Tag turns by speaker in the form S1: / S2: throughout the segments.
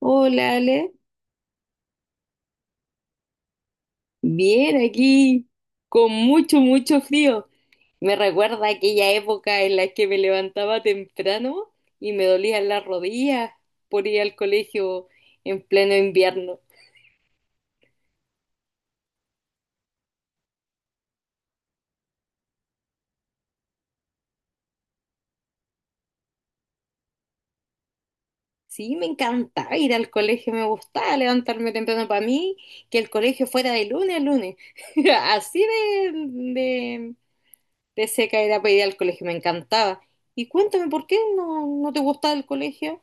S1: Hola, Ale. Bien, aquí con mucho, mucho frío. Me recuerda aquella época en la que me levantaba temprano y me dolían las rodillas por ir al colegio en pleno invierno. Sí, me encantaba ir al colegio, me gustaba levantarme temprano para mí, que el colegio fuera de lunes a lunes. Así de, de seca era para ir al colegio, me encantaba. Y cuéntame, ¿por qué no te gustaba el colegio?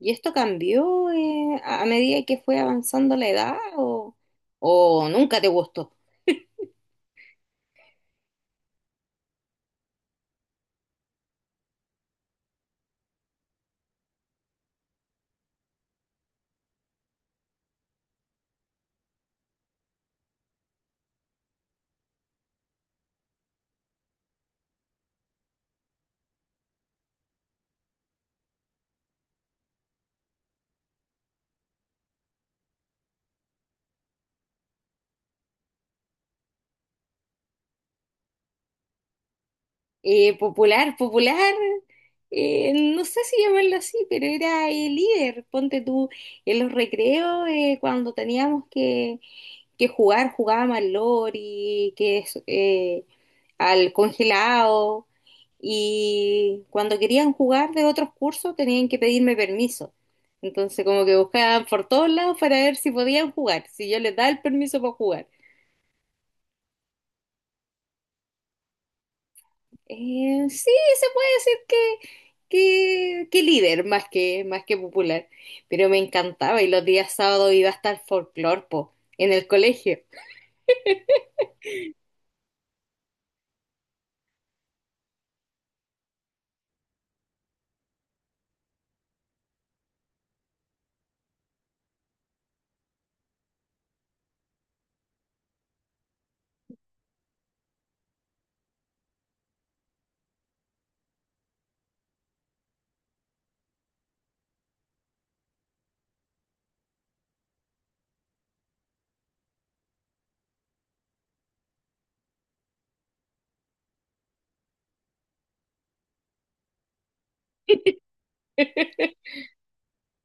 S1: ¿Y esto cambió a medida que fue avanzando la edad o nunca te gustó? Popular, popular, no sé si llamarlo así, pero era el líder. Ponte tú en los recreos cuando teníamos que jugar, jugábamos al lori, que es al congelado, y cuando querían jugar de otros cursos tenían que pedirme permiso. Entonces como que buscaban por todos lados para ver si podían jugar, si yo les daba el permiso para jugar. Sí, se puede decir que, que líder más que popular, pero me encantaba y los días sábados iba hasta el folclor, po, en el colegio.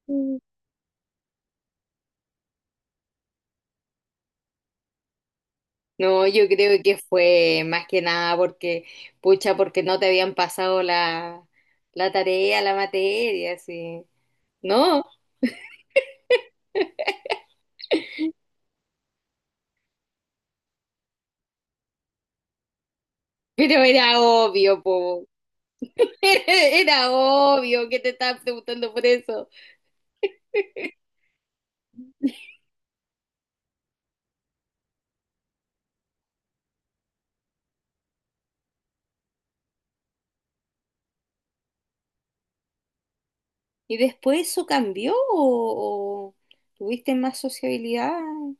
S1: No, yo creo que fue más que nada porque, pucha, porque no te habían pasado la, la tarea, la materia, así. No, pero era obvio, po. Era obvio que te estaban preguntando por eso. ¿Y después eso cambió o tuviste más sociabilidad?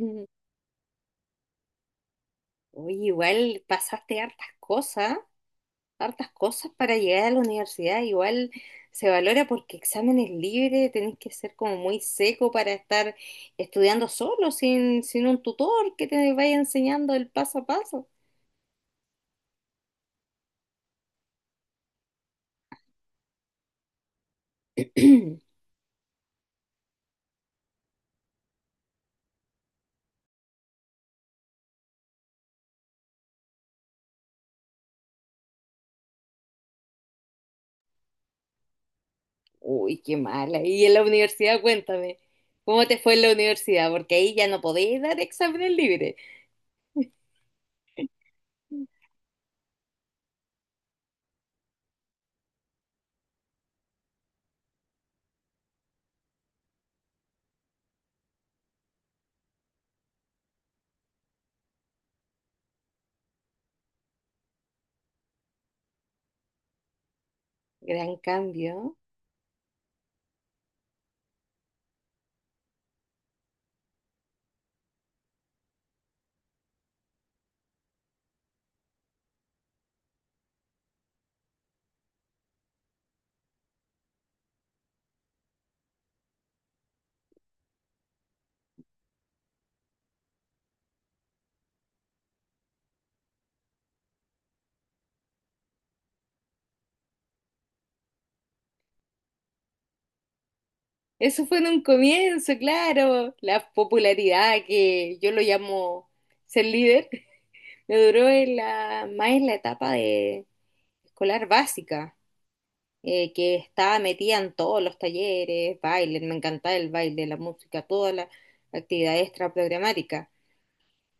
S1: Mm. Oye, igual pasaste hartas cosas. Hartas cosas para llegar a la universidad. Igual se valora porque exámenes libres, tenés que ser como muy seco para estar estudiando solo, sin, sin un tutor que te vaya enseñando el paso a paso. Uy, qué mala. Y en la universidad, cuéntame, ¿cómo te fue en la universidad? Porque ahí ya no podéis dar exámenes libres. Gran cambio. Eso fue en un comienzo, claro. La popularidad que yo lo llamo ser líder. Me duró en la, más en la etapa de escolar básica, que estaba metida en todos los talleres, baile, me encantaba el baile, la música, toda la actividad extra programática,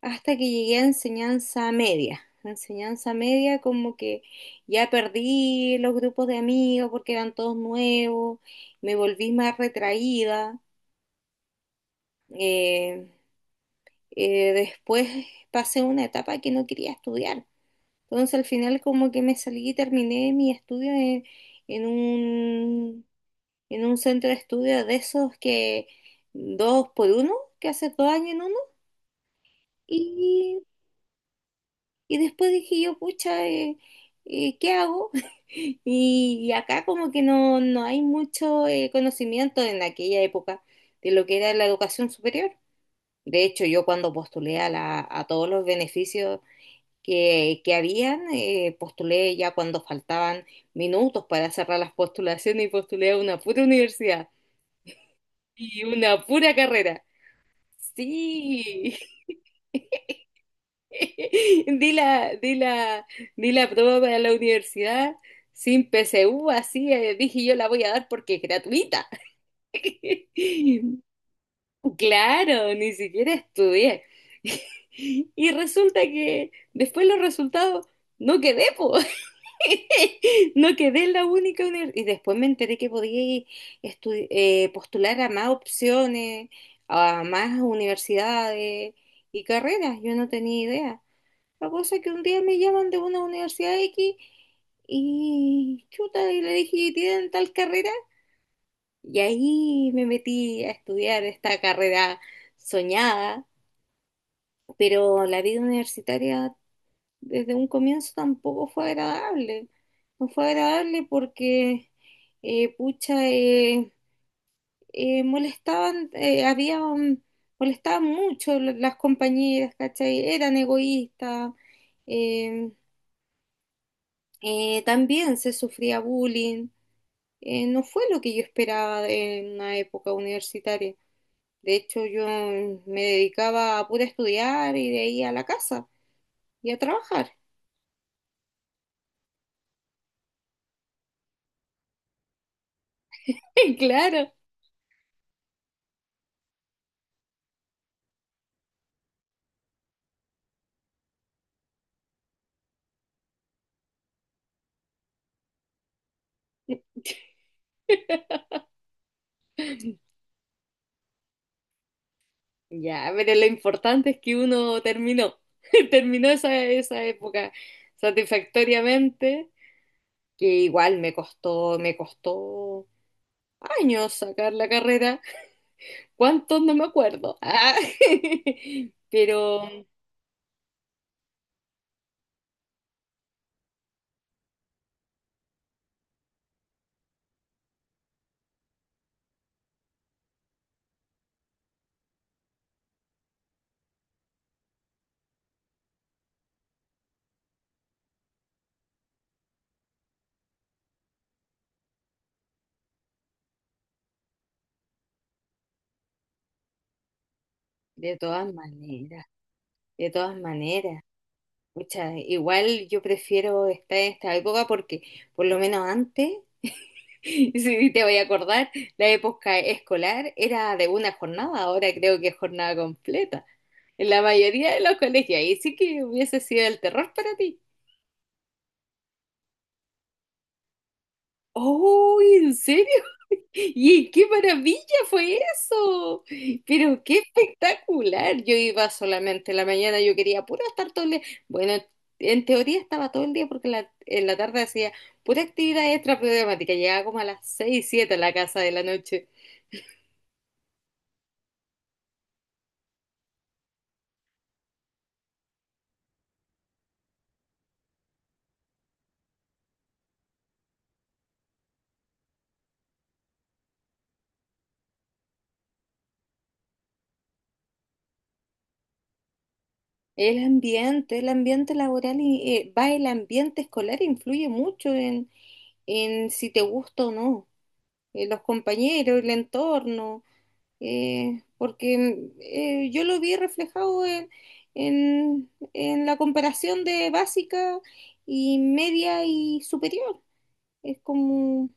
S1: hasta que llegué a enseñanza media. Enseñanza media como que ya perdí los grupos de amigos porque eran todos nuevos, me volví más retraída. eh, Después pasé una etapa que no quería estudiar. Entonces al final como que me salí y terminé mi estudio en un, en un centro de estudio de esos que dos por uno, que hace dos años en uno. Y, y después dije yo, pucha, ¿qué hago? Y, y acá como que no, no hay mucho conocimiento en aquella época de lo que era la educación superior. De hecho, yo cuando postulé a, la, a todos los beneficios que habían, postulé ya cuando faltaban minutos para cerrar las postulaciones y postulé a una pura universidad y una pura carrera. Sí, di la, di la, di la prueba para la universidad sin PSU, así dije yo la voy a dar porque es gratuita. Claro, ni siquiera estudié. Y resulta que después los resultados no quedé, po. No quedé en la única universidad. Y después me enteré que podía postular a más opciones, a más universidades y carreras. Yo no tenía idea. La cosa es que un día me llaman de una universidad X y chuta, y le dije, ¿tienen tal carrera? Y ahí me metí a estudiar esta carrera soñada, pero la vida universitaria desde un comienzo tampoco fue agradable. No fue agradable porque, pucha, molestaban, molestaban mucho la- las compañeras, ¿cachai? Eran egoístas, eh, también se sufría bullying. No fue lo que yo esperaba de una época universitaria. De hecho, yo me dedicaba a pura estudiar y de ahí a la casa y a trabajar. Claro. Ya, pero lo importante es que uno terminó, terminó esa, esa época satisfactoriamente, que igual me costó años sacar la carrera, cuántos no me acuerdo, ah, pero de todas maneras, de todas maneras, pucha, igual yo prefiero esta, esta época porque por lo menos antes sí, te voy a acordar, la época escolar era de una jornada, ahora creo que es jornada completa. En la mayoría de los colegios, ahí sí que hubiese sido el terror para ti. ¡Oh, en serio! ¡Y qué maravilla fue eso! Pero qué espectacular. Yo iba solamente en la mañana, yo quería puro estar todo el día. Bueno, en teoría estaba todo el día porque en la tarde hacía pura actividad extra programática. Llegaba como a las 6 7 a la casa de la noche. El ambiente laboral y va el ambiente escolar influye mucho en si te gusta o no. Los compañeros, el entorno, porque yo lo vi reflejado en la comparación de básica y media y superior. Es como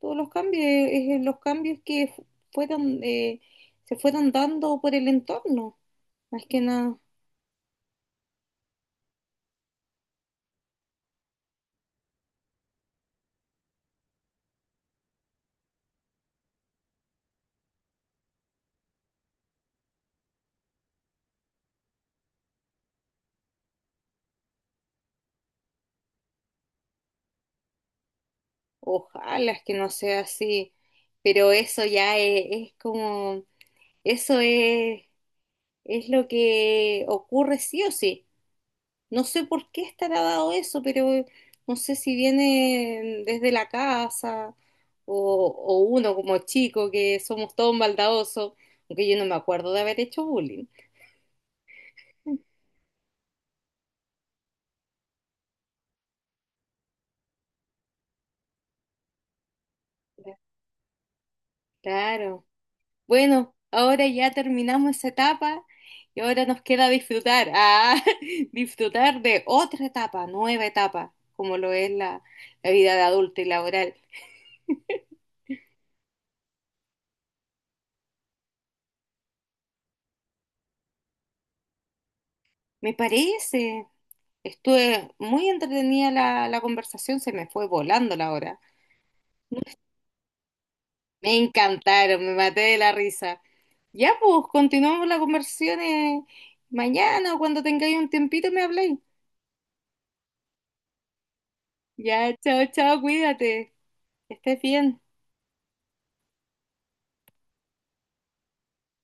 S1: todos los cambios que fueron, se fueron dando por el entorno, más que nada. Ojalá es que no sea así, pero eso ya es como, eso es lo que ocurre sí o sí. No sé por qué estará dado eso, pero no sé si viene desde la casa o uno como chico, que somos todos maldadosos, aunque yo no me acuerdo de haber hecho bullying. Claro. Bueno, ahora ya terminamos esa etapa y ahora nos queda disfrutar, ah, disfrutar de otra etapa, nueva etapa, como lo es la, la vida de adulto y laboral. Me parece, estuve muy entretenida la, la conversación, se me fue volando la hora. Me encantaron, me maté de la risa. Ya pues, continuamos la conversación mañana o cuando tengáis un tiempito me habléis. Ya, chao, chao, cuídate, que estés bien.